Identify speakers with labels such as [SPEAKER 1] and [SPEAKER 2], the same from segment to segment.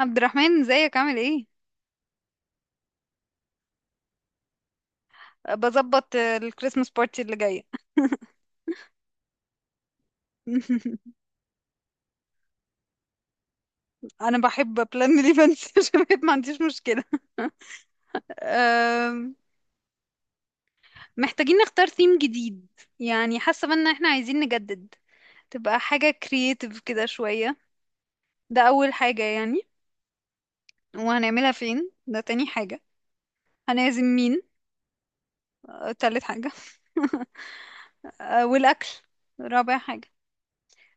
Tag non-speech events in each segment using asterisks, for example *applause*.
[SPEAKER 1] عبد الرحمن، ازيك؟ عامل ايه؟ بظبط. الكريسماس بارتي اللي جايه. *laughs* انا بحب بلان الايفنتس. *laughs* عشان ما عنديش مشكله. آم، محتاجين نختار ثيم جديد. يعني حاسه بان احنا عايزين نجدد، تبقى حاجه كرييتيف كده شويه. ده اول حاجه يعني. وهنعملها فين؟ ده تاني حاجه. هنعزم مين؟ تالت حاجه. *laughs* والاكل، رابع حاجه.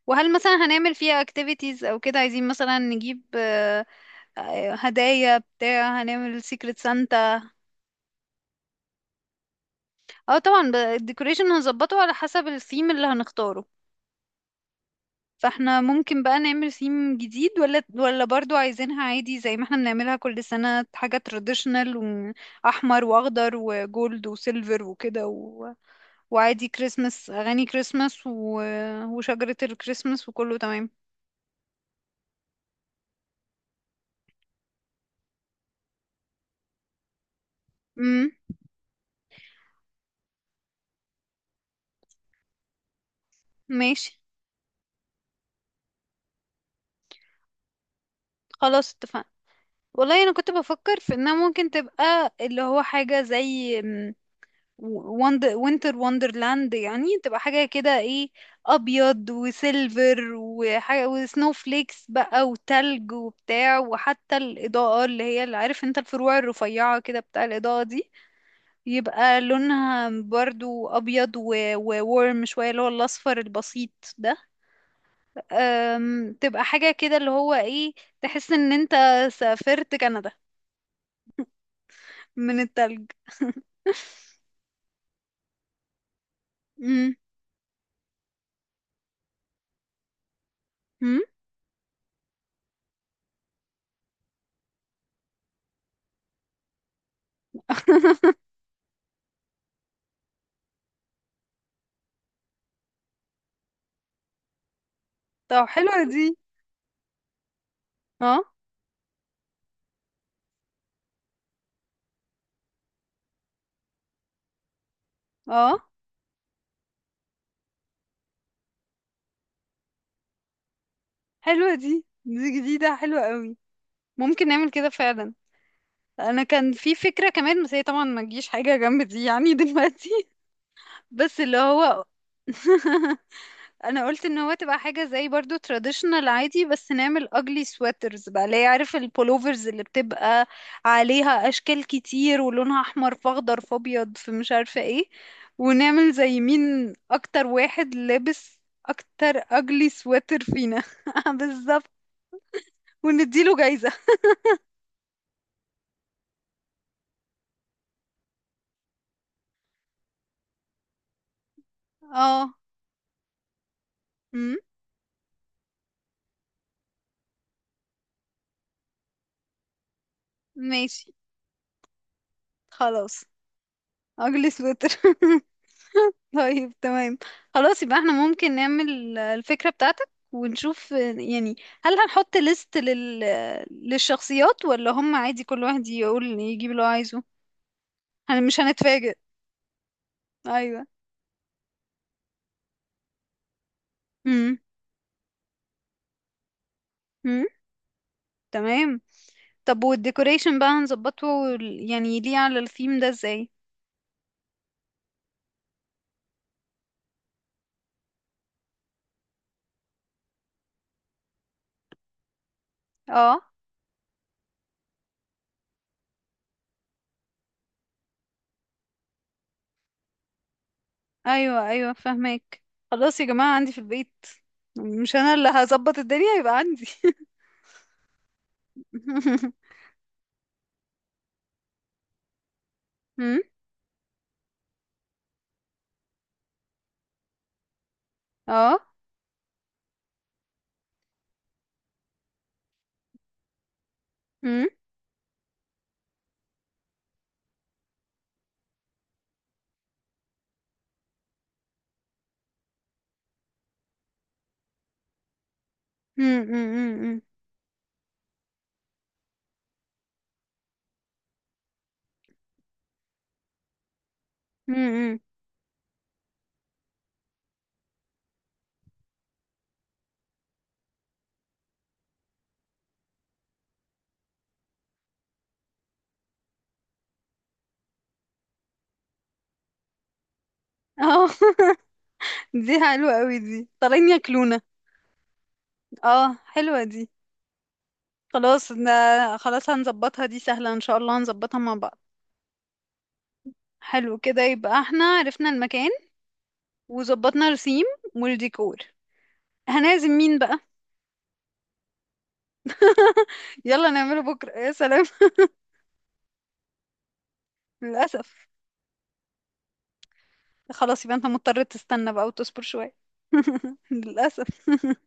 [SPEAKER 1] وهل مثلا هنعمل فيها اكتيفيتيز او كده، عايزين مثلا نجيب هدايا بتاع، هنعمل سيكريت سانتا. اه طبعا الديكوريشن هنظبطه على حسب الثيم اللي هنختاره. فاحنا ممكن بقى نعمل ثيم جديد ولا برضو عايزينها عادي زي ما احنا بنعملها كل سنة، حاجة تراديشنال، واحمر واخضر وجولد وسيلفر وكده وعادي كريسمس، اغاني كريسمس وشجرة الكريسمس وكله تمام. امم. ماشي. خلاص اتفقنا. والله انا كنت بفكر في انها ممكن تبقى اللي هو حاجة زي وندر، وينتر وندرلاند، يعني تبقى حاجة كده ايه، أبيض وسيلفر وحاجة وسنو فليكس بقى وتلج وبتاع، وحتى الإضاءة اللي هي اللي عارف انت، الفروع الرفيعة كده بتاع الإضاءة دي، يبقى لونها برضو أبيض وورم شوية اللي هو الأصفر البسيط ده. تبقى حاجة كده اللي هو ايه، تحس ان انت سافرت كندا من التلج. امم. طب حلوة دي. اه. اه حلوة دي، دي جديدة حلوة قوي. ممكن نعمل كده فعلا. انا كان في فكرة كمان بس هي طبعا ما تجيش حاجة جنب دي يعني *laughs* دلوقتي. بس اللي هو *laughs* انا قلت ان هو تبقى حاجة زي برضو traditional عادي، بس نعمل ugly sweaters بقى اللي هي عارف، البولوفرز اللي بتبقى عليها اشكال كتير، ولونها احمر في اخضر في ابيض في مش عارفة ايه. ونعمل زي مين اكتر واحد لابس اكتر ugly sweater فينا. *laughs* بالظبط. ونديله جايزة. اه. امم. ماشي. خلاص. اجلي سويتر. *laughs* طيب تمام. خلاص يبقى احنا ممكن نعمل الفكرة بتاعتك، ونشوف يعني هل هنحط ليست للشخصيات، ولا هم عادي كل واحد يقول يجيب اللي هو عايزه، هن مش هنتفاجئ. ايوه. امم. امم. تمام. طب والديكوريشن بقى هنظبطه يعني ليه على الثيم ده ازاي؟ اه. ايوه ايوه، فهمك. خلاص يا جماعة، عندي في البيت. مش انا اللي هظبط الدنيا، يبقى عندي. *laughs* أمم. اه. أمم. أمم. أمم. أمم. أمم. اه. *laughs* دي حلوة قوي، دي طالعين ياكلونا. اه حلوة دي. خلاص ده. خلاص هنظبطها، دي سهلة ان شاء الله هنظبطها مع بعض. حلو كده، يبقى احنا عرفنا المكان وظبطنا الثيم والديكور. هنعزم مين بقى؟ *laughs* يلا نعمله بكرة، يا سلام. *laughs* للأسف. خلاص يبقى انت مضطر تستنى بقى وتصبر شوية. *laughs* للأسف. *laughs*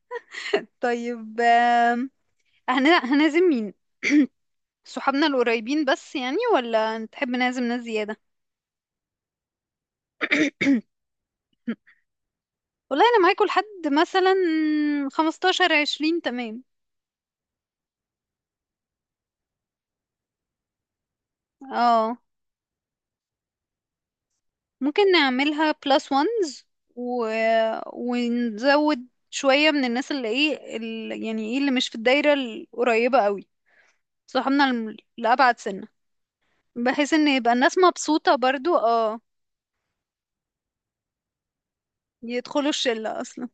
[SPEAKER 1] طيب هنعزم مين؟ *clears throat* صحابنا القريبين بس يعني، ولا تحب نعزم ناس زيادة؟ *clears throat* والله انا معاكوا لحد مثلا 15 20، تمام. اه. ممكن نعملها بلس وانز و... ونزود شوية من الناس اللي ايه يعني ايه اللي مش في الدايرة القريبة قوي، صحابنا الأبعد سنة، بحيث ان يبقى الناس مبسوطة برضو. اه يدخلوا الشلة اصلا.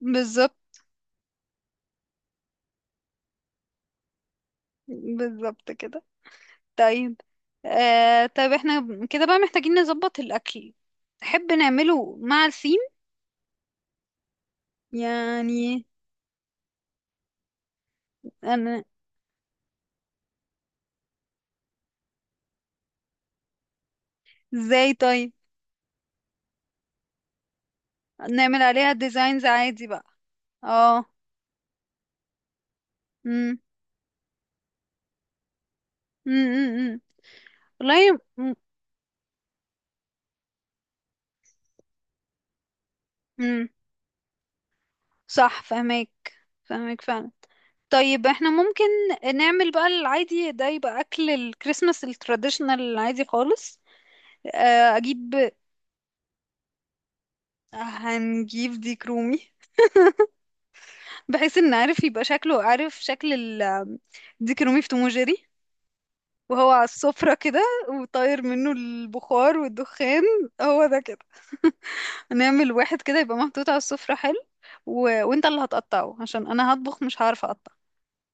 [SPEAKER 1] بالظبط. بالظبط كده. طيب. آه طيب احنا كده بقى محتاجين نظبط الاكل. تحب نعمله مع الثيم يعني. انا ازاي طيب، نعمل عليها ديزاينز عادي بقى. اه. امم. امم. والله. امم. صح فهمك. فهمك فعلا. طيب احنا ممكن نعمل بقى العادي ده، يبقى اكل الكريسماس التراديشنال العادي خالص. اجيب، هنجيب ديك رومي، بحيث ان عارف يبقى شكله، عارف شكل ديك رومي في توم وجيري، وهو على السفرة كده، وطاير منه البخار والدخان، هو ده كده. *laughs* نعمل واحد كده يبقى محطوط على السفرة، حلو. وانت اللي هتقطعه، عشان انا هطبخ مش هعرف اقطع،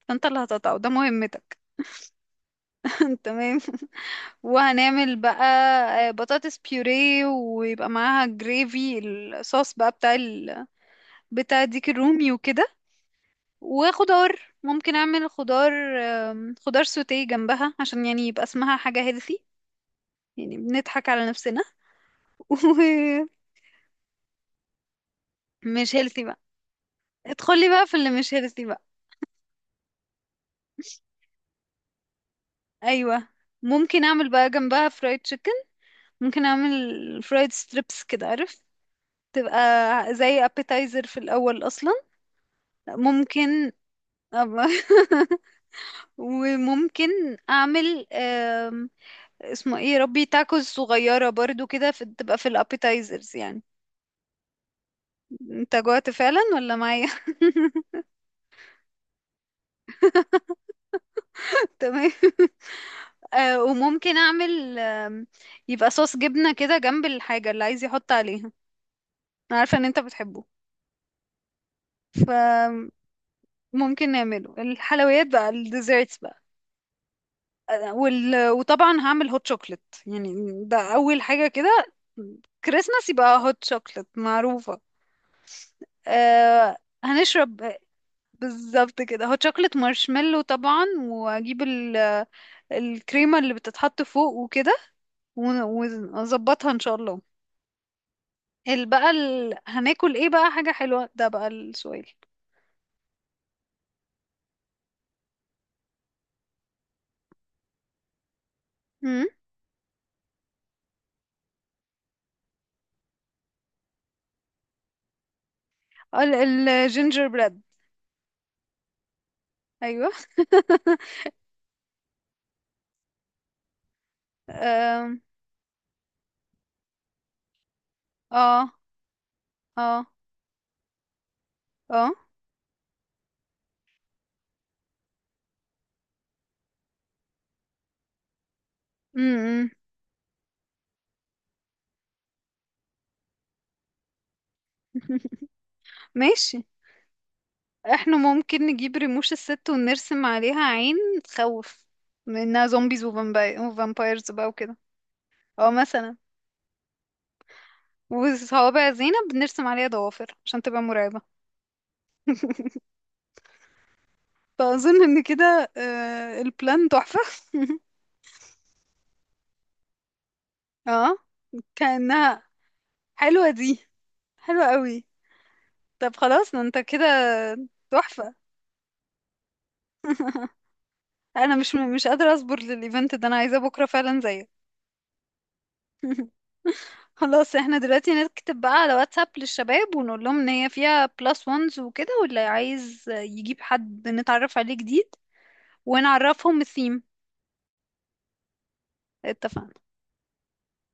[SPEAKER 1] فانت اللي هتقطعه، ده مهمتك. *laughs* تمام. وهنعمل بقى بطاطس بيوريه، ويبقى معاها جريفي، الصوص بقى بتاع بتاع ديك الرومي وكده. وخضار، ممكن اعمل خضار، خضار سوتيه جنبها، عشان يعني يبقى اسمها حاجة هيلثي يعني، بنضحك على نفسنا. *laughs* ومش هيلثي بقى، ادخلي بقى في اللي مش هيلثي بقى. ايوه. ممكن اعمل بقى جنبها فرايد تشيكن. ممكن اعمل فرايد ستريبس كده عارف، تبقى زي ابيتايزر في الاول اصلا. ممكن أب- *laughs* وممكن اعمل اسمه ايه يا ربي، تاكوز صغيرة برضو كده تبقى في الابيتايزرز يعني. انت جوعت فعلا ولا معايا؟ *laughs* تمام. آه وممكن اعمل يبقى صوص جبنة كده جنب الحاجة اللي عايز يحط عليها، انا عارفة ان انت بتحبه. فممكن نعمله الحلويات بقى، الديزيرتس بقى. وطبعا هعمل هوت شوكليت يعني، ده اول حاجة كده. كريسماس يبقى هوت شوكليت معروفة. آه. هنشرب بالظبط كده هوت شوكليت، مارشميلو طبعا، واجيب الكريمة اللي بتتحط فوق وكده. ونظبطها ان شاء الله. ال بقى هناكل ايه بقى، حاجة حلوة، ده بقى السؤال. امم. ال... الجينجر بريد. ايوه. *laughs* أم. اه. اه. اه. امم. ماشي. احنا ممكن نجيب رموش الست ونرسم عليها عين تخوف منها، زومبيز وفامبايرز بقى وكده. اه مثلا. وصوابع زينب بنرسم عليها ضوافر عشان تبقى مرعبة. فأظن ان كده البلان تحفة. اه كأنها. حلوة دي. حلو قوي. طب خلاص، ما انت كده تحفة. انا مش قادرة اصبر للايفنت ده، انا عايزاه بكرة فعلا زيك. *laughs* خلاص احنا دلوقتي نكتب بقى على واتساب للشباب، ونقول لهم ان هي فيها بلس وانز وكده، واللي عايز يجيب حد نتعرف عليه جديد، ونعرفهم الثيم. اتفقنا.